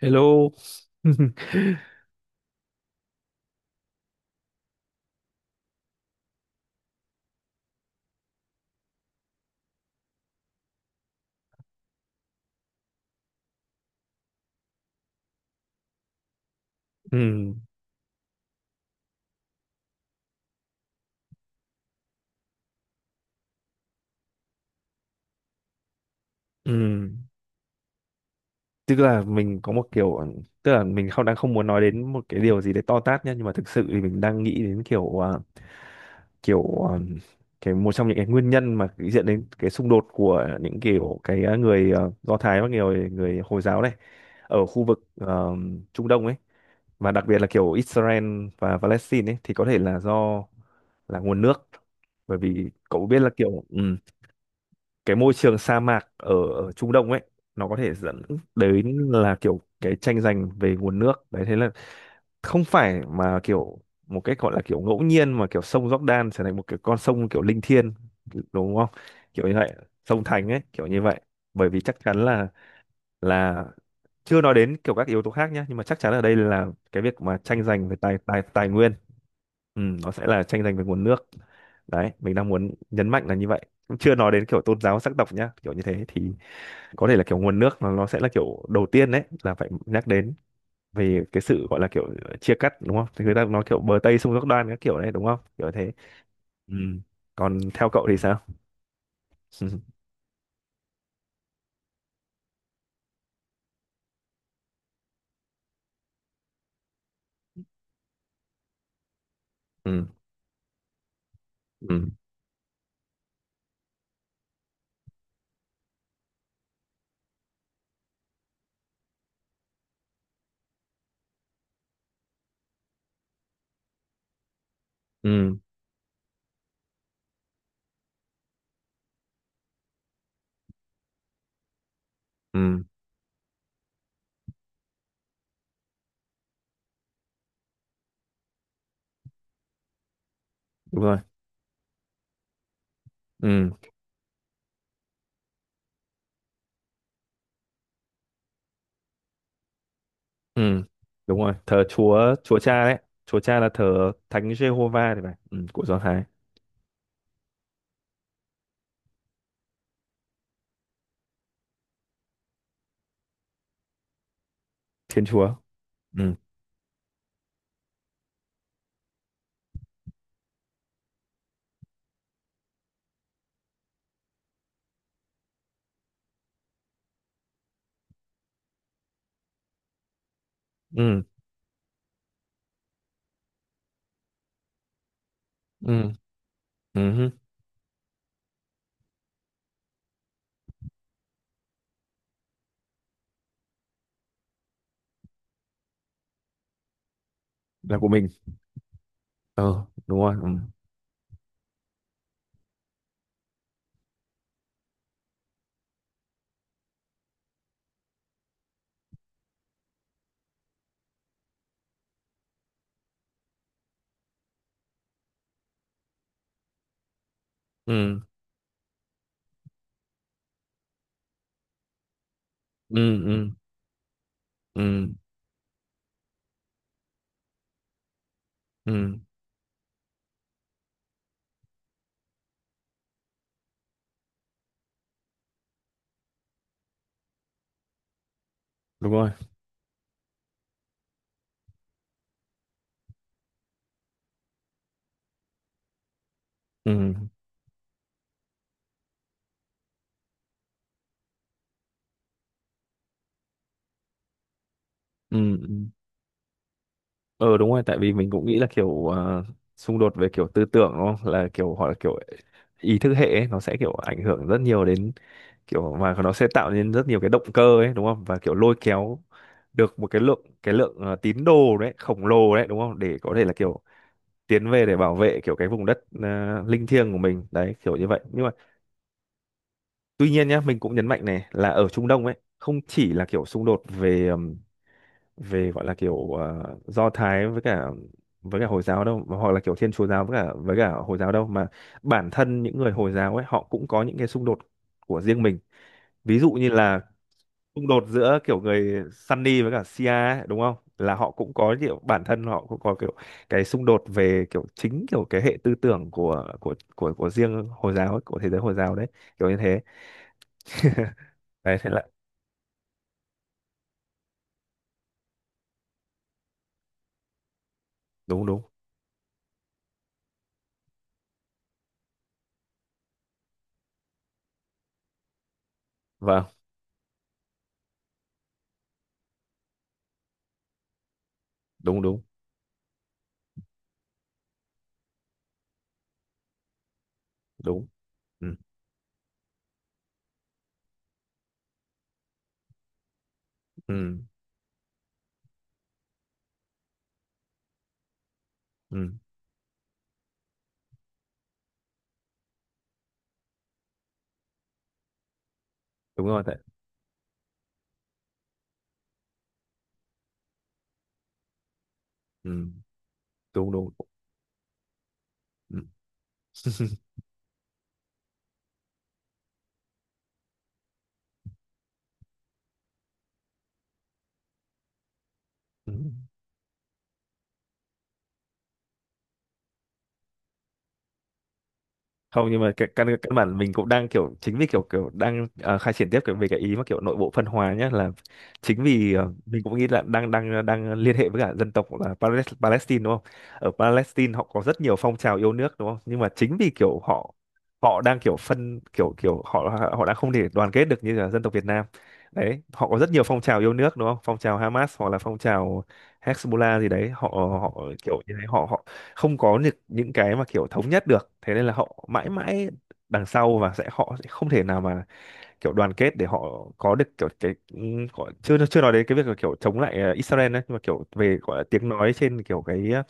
Hello. Ừ, ừ. Tức là mình có một kiểu, tức là mình không đang không muốn nói đến một cái điều gì đấy to tát nhá, nhưng mà thực sự thì mình đang nghĩ đến kiểu kiểu à, cái một trong những cái nguyên nhân mà dẫn đến cái xung đột của những kiểu cái người Do Thái và người người Hồi giáo này ở khu vực Trung Đông ấy, và đặc biệt là kiểu Israel và Palestine ấy, thì có thể là do là nguồn nước. Bởi vì cậu biết là kiểu cái môi trường sa mạc ở Trung Đông ấy nó có thể dẫn đến là kiểu cái tranh giành về nguồn nước đấy. Thế là không phải mà kiểu một cách gọi là kiểu ngẫu nhiên mà kiểu sông Jordan trở thành một cái con sông kiểu linh thiêng, đúng không, kiểu như vậy, sông Thành ấy, kiểu như vậy. Bởi vì chắc chắn là chưa nói đến kiểu các yếu tố khác nhé, nhưng mà chắc chắn ở đây là cái việc mà tranh giành về tài tài tài nguyên, ừ, nó sẽ là tranh giành về nguồn nước. Đấy, mình đang muốn nhấn mạnh là như vậy, cũng chưa nói đến kiểu tôn giáo sắc tộc nhá, kiểu như thế, thì có thể là kiểu nguồn nước nó sẽ là kiểu đầu tiên đấy là phải nhắc đến. Về cái sự gọi là kiểu chia cắt, đúng không, thì người ta nói kiểu bờ Tây sông Giác Đoan các kiểu này, đúng không, kiểu thế. Ừ, còn theo cậu thì sao? Ừ. Ừ. Ừ. Ừ. Ừ. Đúng rồi. Ừ. Ừ. Đúng rồi, thờ chúa, chúa cha đấy. Chúa cha là thờ thánh Giê Hô Va thì phải, ừ, của Do Thái. Thiên Chúa. Ừ. Ừ. Ừ. Ừ hứ. Là của mình. Ờ đúng rồi, ừ. Ừ. Ừ. Ừ. Ừ. Ừ. Đúng rồi. Ừ. Ừ, ừ. Ờ, đúng rồi, tại vì mình cũng nghĩ là kiểu xung đột về kiểu tư tưởng, đúng không, là kiểu hoặc là kiểu ý thức hệ ấy, nó sẽ kiểu ảnh hưởng rất nhiều đến kiểu mà nó sẽ tạo nên rất nhiều cái động cơ ấy, đúng không, và kiểu lôi kéo được một cái lượng, cái lượng tín đồ đấy khổng lồ đấy, đúng không, để có thể là kiểu tiến về để bảo vệ kiểu cái vùng đất linh thiêng của mình đấy, kiểu như vậy. Nhưng mà tuy nhiên nhá, mình cũng nhấn mạnh này là ở Trung Đông ấy không chỉ là kiểu xung đột về về gọi là kiểu Do Thái với cả Hồi giáo đâu, mà hoặc là kiểu Thiên Chúa giáo với cả Hồi giáo đâu, mà bản thân những người Hồi giáo ấy họ cũng có những cái xung đột của riêng mình. Ví dụ như là xung đột giữa kiểu người Sunni với cả Shia ấy, đúng không, là họ cũng có kiểu bản thân họ cũng có kiểu cái xung đột về kiểu chính kiểu cái hệ tư tưởng của riêng Hồi giáo ấy, của thế giới Hồi giáo đấy, kiểu như thế. Đấy thế là đúng đúng vâng đúng đúng đúng. Ừ ừ ừ, đúng rồi đấy. Ừ đúng đúng. Ừ. Ừ. Không, nhưng mà cái căn căn bản mình cũng đang kiểu chính vì kiểu kiểu đang khai triển tiếp cái về cái ý mà kiểu nội bộ phân hóa nhé, là chính vì mình cũng nghĩ là đang đang đang liên hệ với cả dân tộc là Palestine, đúng không. Ở Palestine họ có rất nhiều phong trào yêu nước, đúng không, nhưng mà chính vì kiểu họ họ đang kiểu phân kiểu kiểu họ họ đang không thể đoàn kết được như là dân tộc Việt Nam. Đấy, họ có rất nhiều phong trào yêu nước, đúng không, phong trào Hamas hoặc là phong trào Hezbollah gì đấy, họ họ kiểu như thế, họ họ không có những cái mà kiểu thống nhất được, thế nên là họ mãi mãi đằng sau, và sẽ họ sẽ không thể nào mà kiểu đoàn kết để họ có được kiểu cái gọi, chưa chưa nói đến cái việc là kiểu chống lại Israel đấy, nhưng mà kiểu về gọi là tiếng nói trên kiểu cái ờ,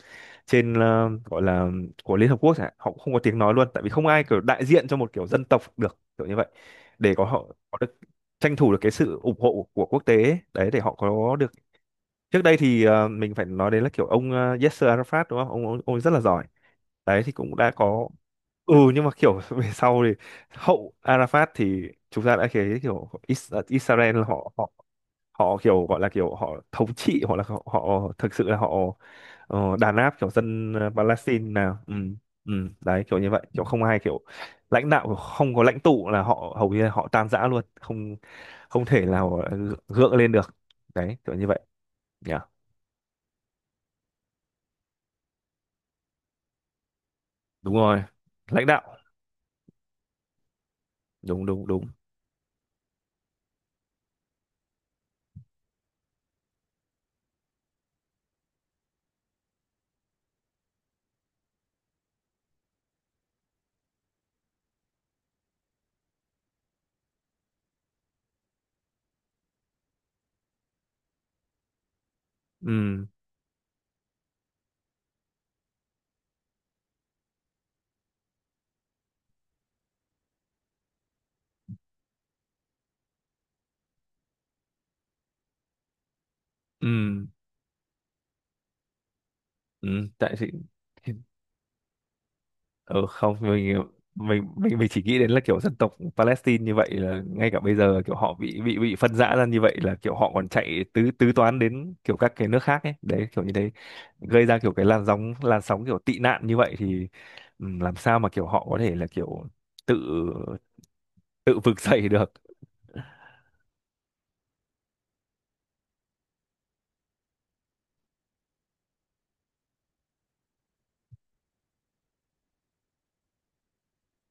trên ờ, gọi là của Liên Hợp Quốc chẳng hạn, họ cũng không có tiếng nói luôn, tại vì không ai kiểu đại diện cho một kiểu dân tộc được, kiểu như vậy, để có họ có được tranh thủ được cái sự ủng hộ của quốc tế ấy. Đấy, để họ có được. Trước đây thì mình phải nói đến là kiểu ông Yasser Arafat, đúng không, ông rất là giỏi đấy, thì cũng đã có. Ừ, nhưng mà kiểu về sau thì hậu Arafat thì chúng ta đã thấy kiểu Israel họ họ họ kiểu gọi là kiểu họ thống trị, hoặc là họ thực sự là họ đàn áp kiểu dân Palestine nào, ừ, ừ. Đấy kiểu như vậy, kiểu không ai kiểu lãnh đạo, không có lãnh tụ là họ hầu như là họ tan rã luôn, không không thể nào gượng lên được, đấy kiểu như vậy, nhỉ. Đúng rồi. Lãnh đạo. Đúng đúng đúng. Ừ ừ ừ. Tại thì ừ, không mình mình chỉ nghĩ đến là kiểu dân tộc Palestine như vậy là ngay cả bây giờ kiểu họ bị phân rã ra như vậy, là kiểu họ còn chạy tứ tứ toán đến kiểu các cái nước khác ấy, đấy kiểu như thế, gây ra kiểu cái làn sóng kiểu tị nạn như vậy, thì làm sao mà kiểu họ có thể là kiểu tự tự vực dậy được.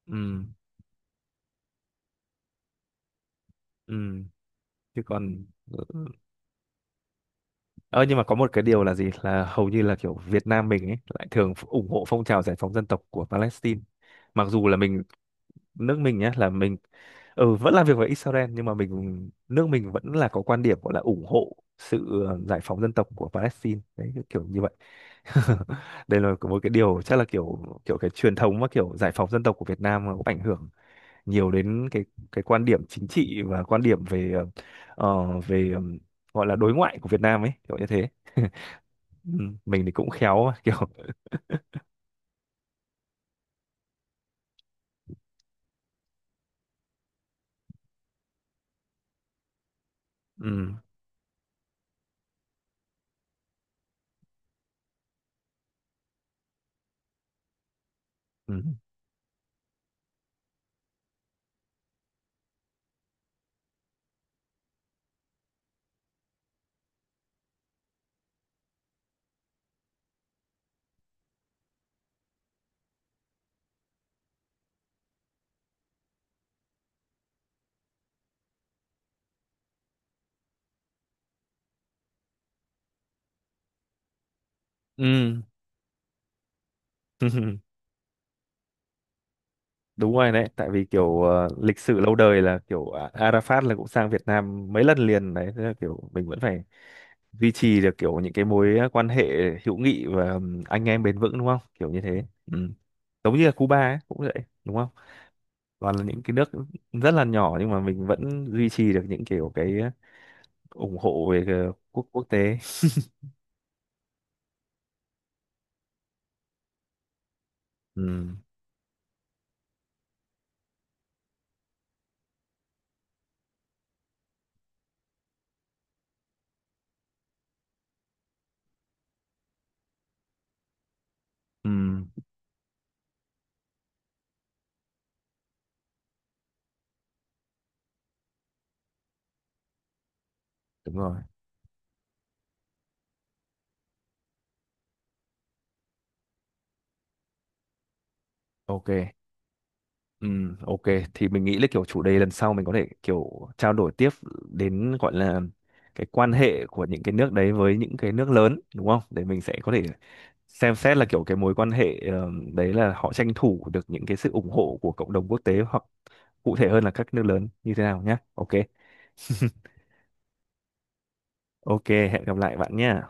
Ừm, ừ, chứ còn. Ờ nhưng mà có một cái điều là gì, là hầu như là kiểu Việt Nam mình ấy lại thường ủng hộ phong trào giải phóng dân tộc của Palestine, mặc dù là mình, nước mình nhé, là mình, ừ, vẫn làm việc với Israel, nhưng mà mình, nước mình vẫn là có quan điểm gọi là ủng hộ sự giải phóng dân tộc của Palestine đấy, kiểu kiểu như vậy. Đây là một cái điều chắc là kiểu kiểu cái truyền thống và kiểu giải phóng dân tộc của Việt Nam nó cũng ảnh hưởng nhiều đến cái quan điểm chính trị và quan điểm về ờ, về ờ, gọi là đối ngoại của Việt Nam ấy, kiểu như thế. Ừ, mình thì cũng khéo mà, kiểu ừ, ừ, ừ. Đúng rồi đấy, tại vì kiểu lịch sử lâu đời là kiểu Arafat là cũng sang Việt Nam mấy lần liền đấy, thế là kiểu mình vẫn phải duy trì được kiểu những cái mối quan hệ hữu nghị và anh em bền vững, đúng không, kiểu như thế. Ừ. Giống như là Cuba ấy, cũng vậy, đúng không, toàn là những cái nước rất là nhỏ nhưng mà mình vẫn duy trì được những kiểu cái ủng hộ về cái quốc quốc tế. Ừ. Ừ. Đúng rồi. Ok Ừ, ok thì mình nghĩ là kiểu chủ đề lần sau mình có thể kiểu trao đổi tiếp đến gọi là cái quan hệ của những cái nước đấy với những cái nước lớn, đúng không? Để mình sẽ có thể xem xét là kiểu cái mối quan hệ đấy là họ tranh thủ được những cái sự ủng hộ của cộng đồng quốc tế, hoặc cụ thể hơn là các nước lớn, như thế nào nhé. Ok. Ok, hẹn gặp lại bạn nhé.